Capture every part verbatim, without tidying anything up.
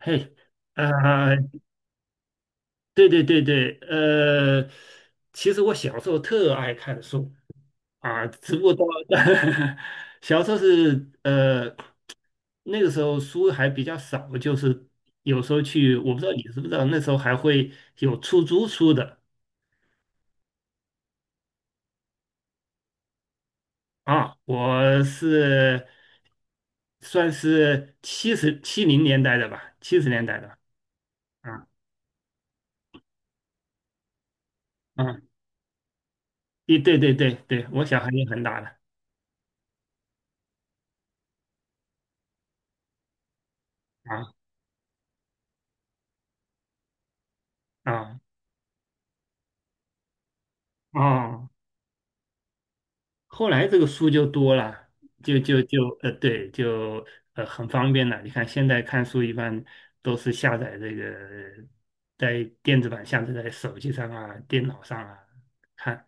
嘿，啊、对对对对，呃，其实我小时候特爱看书啊，只不过到 小时候是呃，那个时候书还比较少，就是有时候去，我不知道你知不知道，那时候还会有出租书的啊，我是算是七十七零年代的吧，七十年代的吧啊啊，对对对对对，我小孩也很大了啊啊哦。后来这个书就多了，就就就呃，对，就呃很方便了。你看现在看书一般都是下载这个在电子版下载在手机上啊、电脑上啊看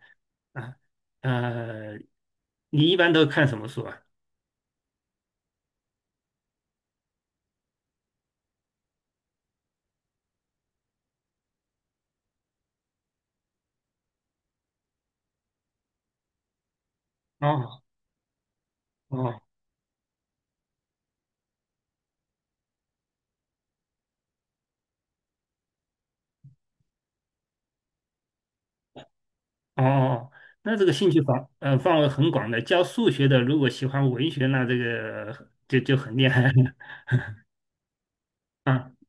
啊。呃，你一般都看什么书啊？哦哦哦哦，那这个兴趣范呃范围很广的。教数学的如果喜欢文学，那这个就就很厉害了。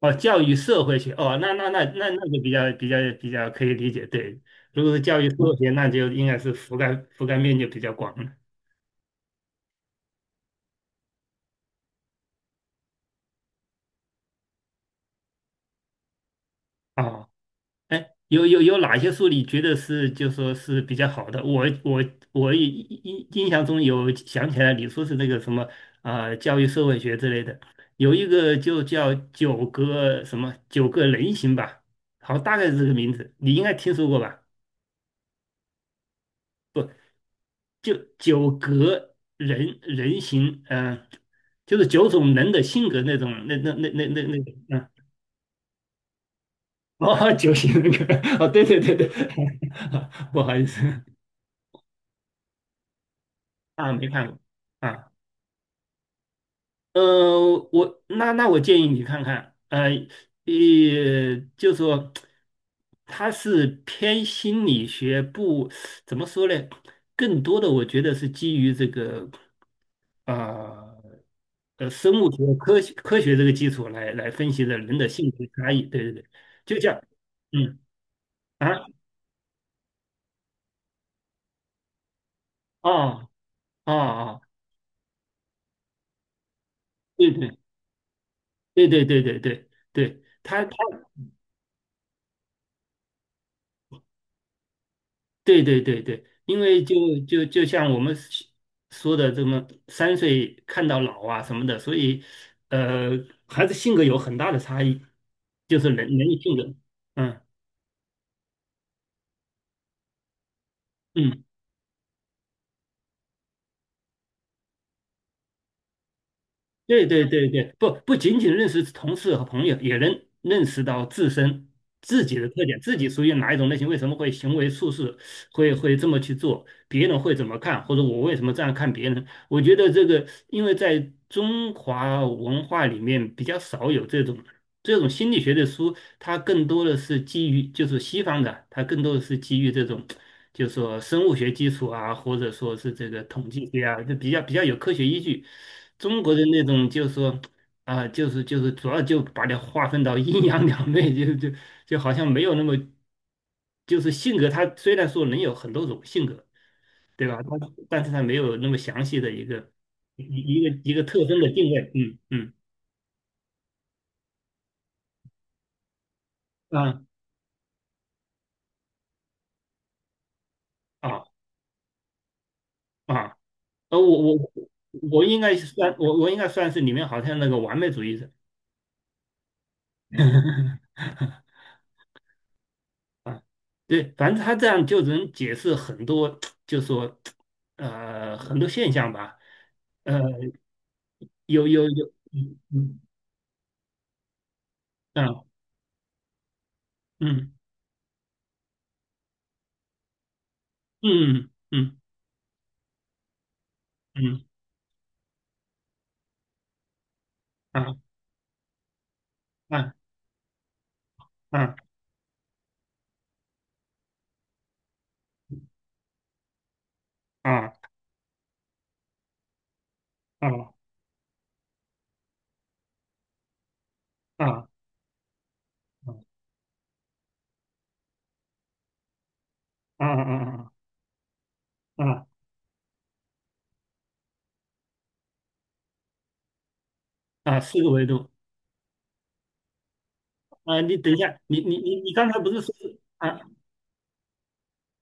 哦，教育社会学，哦，那那那那那个比较比较比较可以理解，对。如果是教育社会学，那就应该是覆盖覆盖面就比较广了。哦，哎，有有有哪些书你觉得是就说是比较好的？我我我印印印象中有想起来你说是那个什么啊、呃教育社会学之类的，有一个就叫九个什么九个人形吧，好，大概是这个名字，你应该听说过吧？就九格人人形，嗯、就是九种人的性格那种，那那那那那那种，嗯，哦，九型人格，哦，对对对对，不好意思啊，没看过啊，呃，我那那我建议你看看，呃，也就说它是偏心理学不，怎么说呢？更多的我觉得是基于这个呃。呃生物学科学科学这个基础来来分析的人的性格差异。对对对，就这样，嗯啊哦哦哦，对对对对对对对对，他他对对对对，因为就就就像我们说的这么三岁看到老啊什么的，所以呃孩子性格有很大的差异，就是人人的性格，嗯嗯。对对对对，不不仅仅认识同事和朋友，也能认识到自身自己的特点，自己属于哪一种类型，为什么会行为处事会会这么去做，别人会怎么看，或者我为什么这样看别人，我觉得这个，因为在中华文化里面比较少有这种这种心理学的书，它更多的是基于就是西方的，它更多的是基于这种，就是说生物学基础啊，或者说是这个统计学啊，就比较比较有科学依据。中国的那种就是说啊、就是就是主要就把它划分到阴阳两面，就就就好像没有那么，就是性格，它虽然说能有很多种性格。对吧？它但是它没有那么详细的一个一一个一个特征的定位，嗯嗯啊啊啊，呃，我我我应该是算我我应该算是里面好像那个完美主义者 啊，对，反正他这样就能解释很多，就说呃很多现象吧，呃，有有有，嗯嗯啊嗯嗯嗯嗯啊啊啊啊啊啊啊啊啊啊啊。啊，四个维度啊，你等一下，你你你你刚才不是说是啊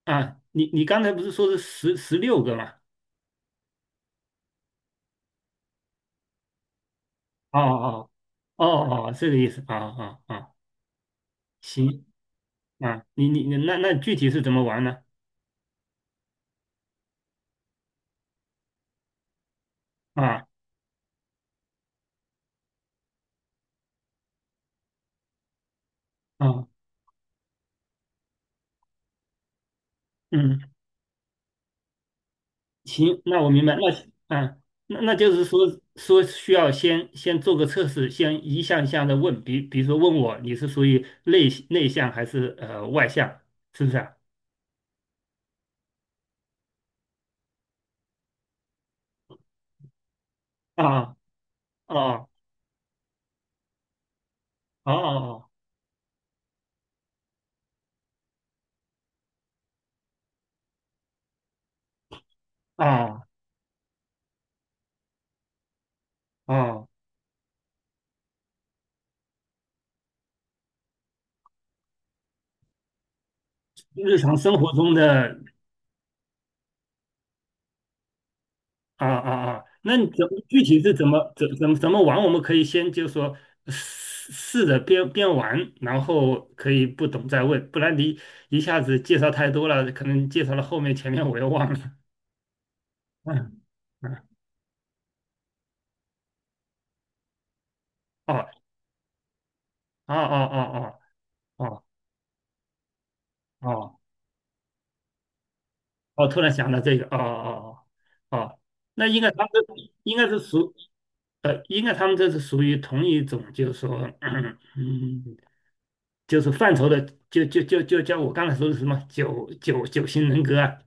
啊，你你刚才不是说是十十六个吗？哦哦哦哦，哦，这个意思啊啊啊，行啊，你你你那那具体是怎么玩呢？啊啊嗯，行，那我明白，那行啊那那就是说说需要先先做个测试，先一项一项的问，比比如说问我你是属于内内向还是呃外向，是不是啊？啊哦哦哦哦哦。日常生活中的啊啊啊，那你怎么具体是怎么怎怎么怎么玩？我们可以先就说试试着边边玩，然后可以不懂再问，不然你一下子介绍太多了，可能介绍了后面前面我又忘了。嗯嗯，哦哦哦哦哦哦哦哦，突然想到这个，哦哦哦哦，那应该他们应该是属呃，应该他们这是属于同一种，就是说，嗯。嗯就是范畴的，就就就就叫我刚才说的什么九九九型人格啊，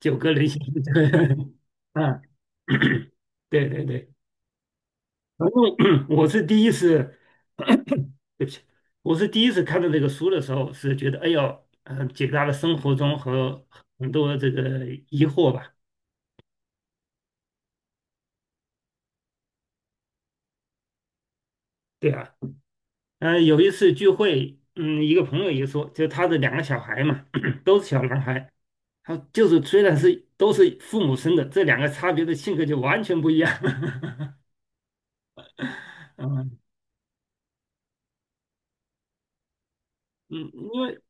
九个人型人格，啊，对对对，反正 我是第一次，对不起，我是第一次看到这个书的时候，是觉得哎呦，嗯、解答了生活中和很多这个疑惑吧，对啊，嗯、有一次聚会，嗯，一个朋友也说，就他的两个小孩嘛，都是小男孩，他就是虽然是都是父母生的，这两个差别的性格就完全不一样。嗯嗯，因为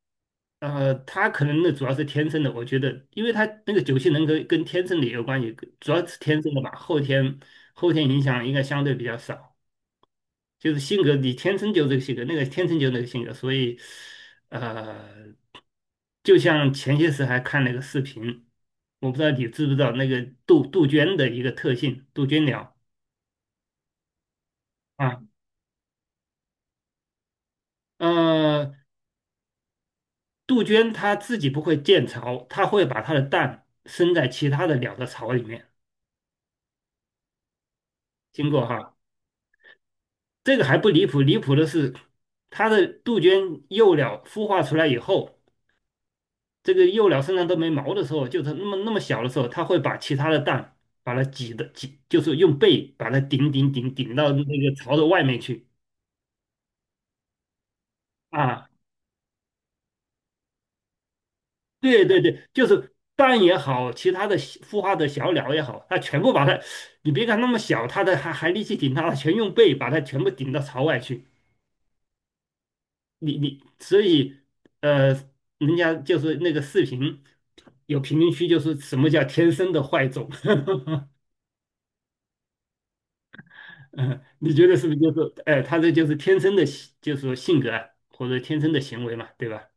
呃，他可能那主要是天生的，我觉得，因为他那个九型人格跟天生的也有关系，主要是天生的吧，后天后天影响应该相对比较少。就是性格，你天生就这个性格，那个天生就那个性格，所以呃，就像前些时还看了一个视频，我不知道你知不知道那个杜杜鹃的一个特性，杜鹃鸟。啊。呃，杜鹃它自己不会建巢，它会把它的蛋生在其他的鸟的巢里面。经过哈，这个还不离谱，离谱的是，它的杜鹃幼鸟孵化出来以后，这个幼鸟身上都没毛的时候，就是那么那么小的时候，它会把其他的蛋把它挤的挤，就是用背把它顶顶顶顶到那个巢的外面去啊。对对对，就是蛋也好，其他的小孵化的小鸟也好，它全部把它，你别看那么小，它的还还力气挺大的，全用背把它全部顶到巢外去。你你所以呃，人家就是那个视频有评论区，就是什么叫天生的坏种，嗯，你觉得是不是就是哎，他这就是天生的性就是说性格啊，或者天生的行为嘛，对吧？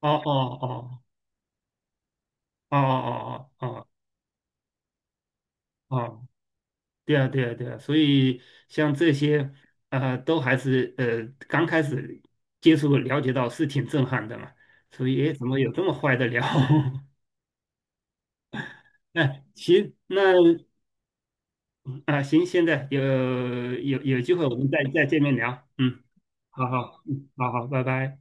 哦哦哦哦哦哦哦哦。哦对啊，对啊，对啊，所以像这些，呃，都还是呃刚开始接触了解到是挺震撼的嘛，所以诶，怎么有这么坏的料？哎，行，那啊、行，现在有有有机会我们再再见面聊，嗯，好好，嗯，好好，拜拜。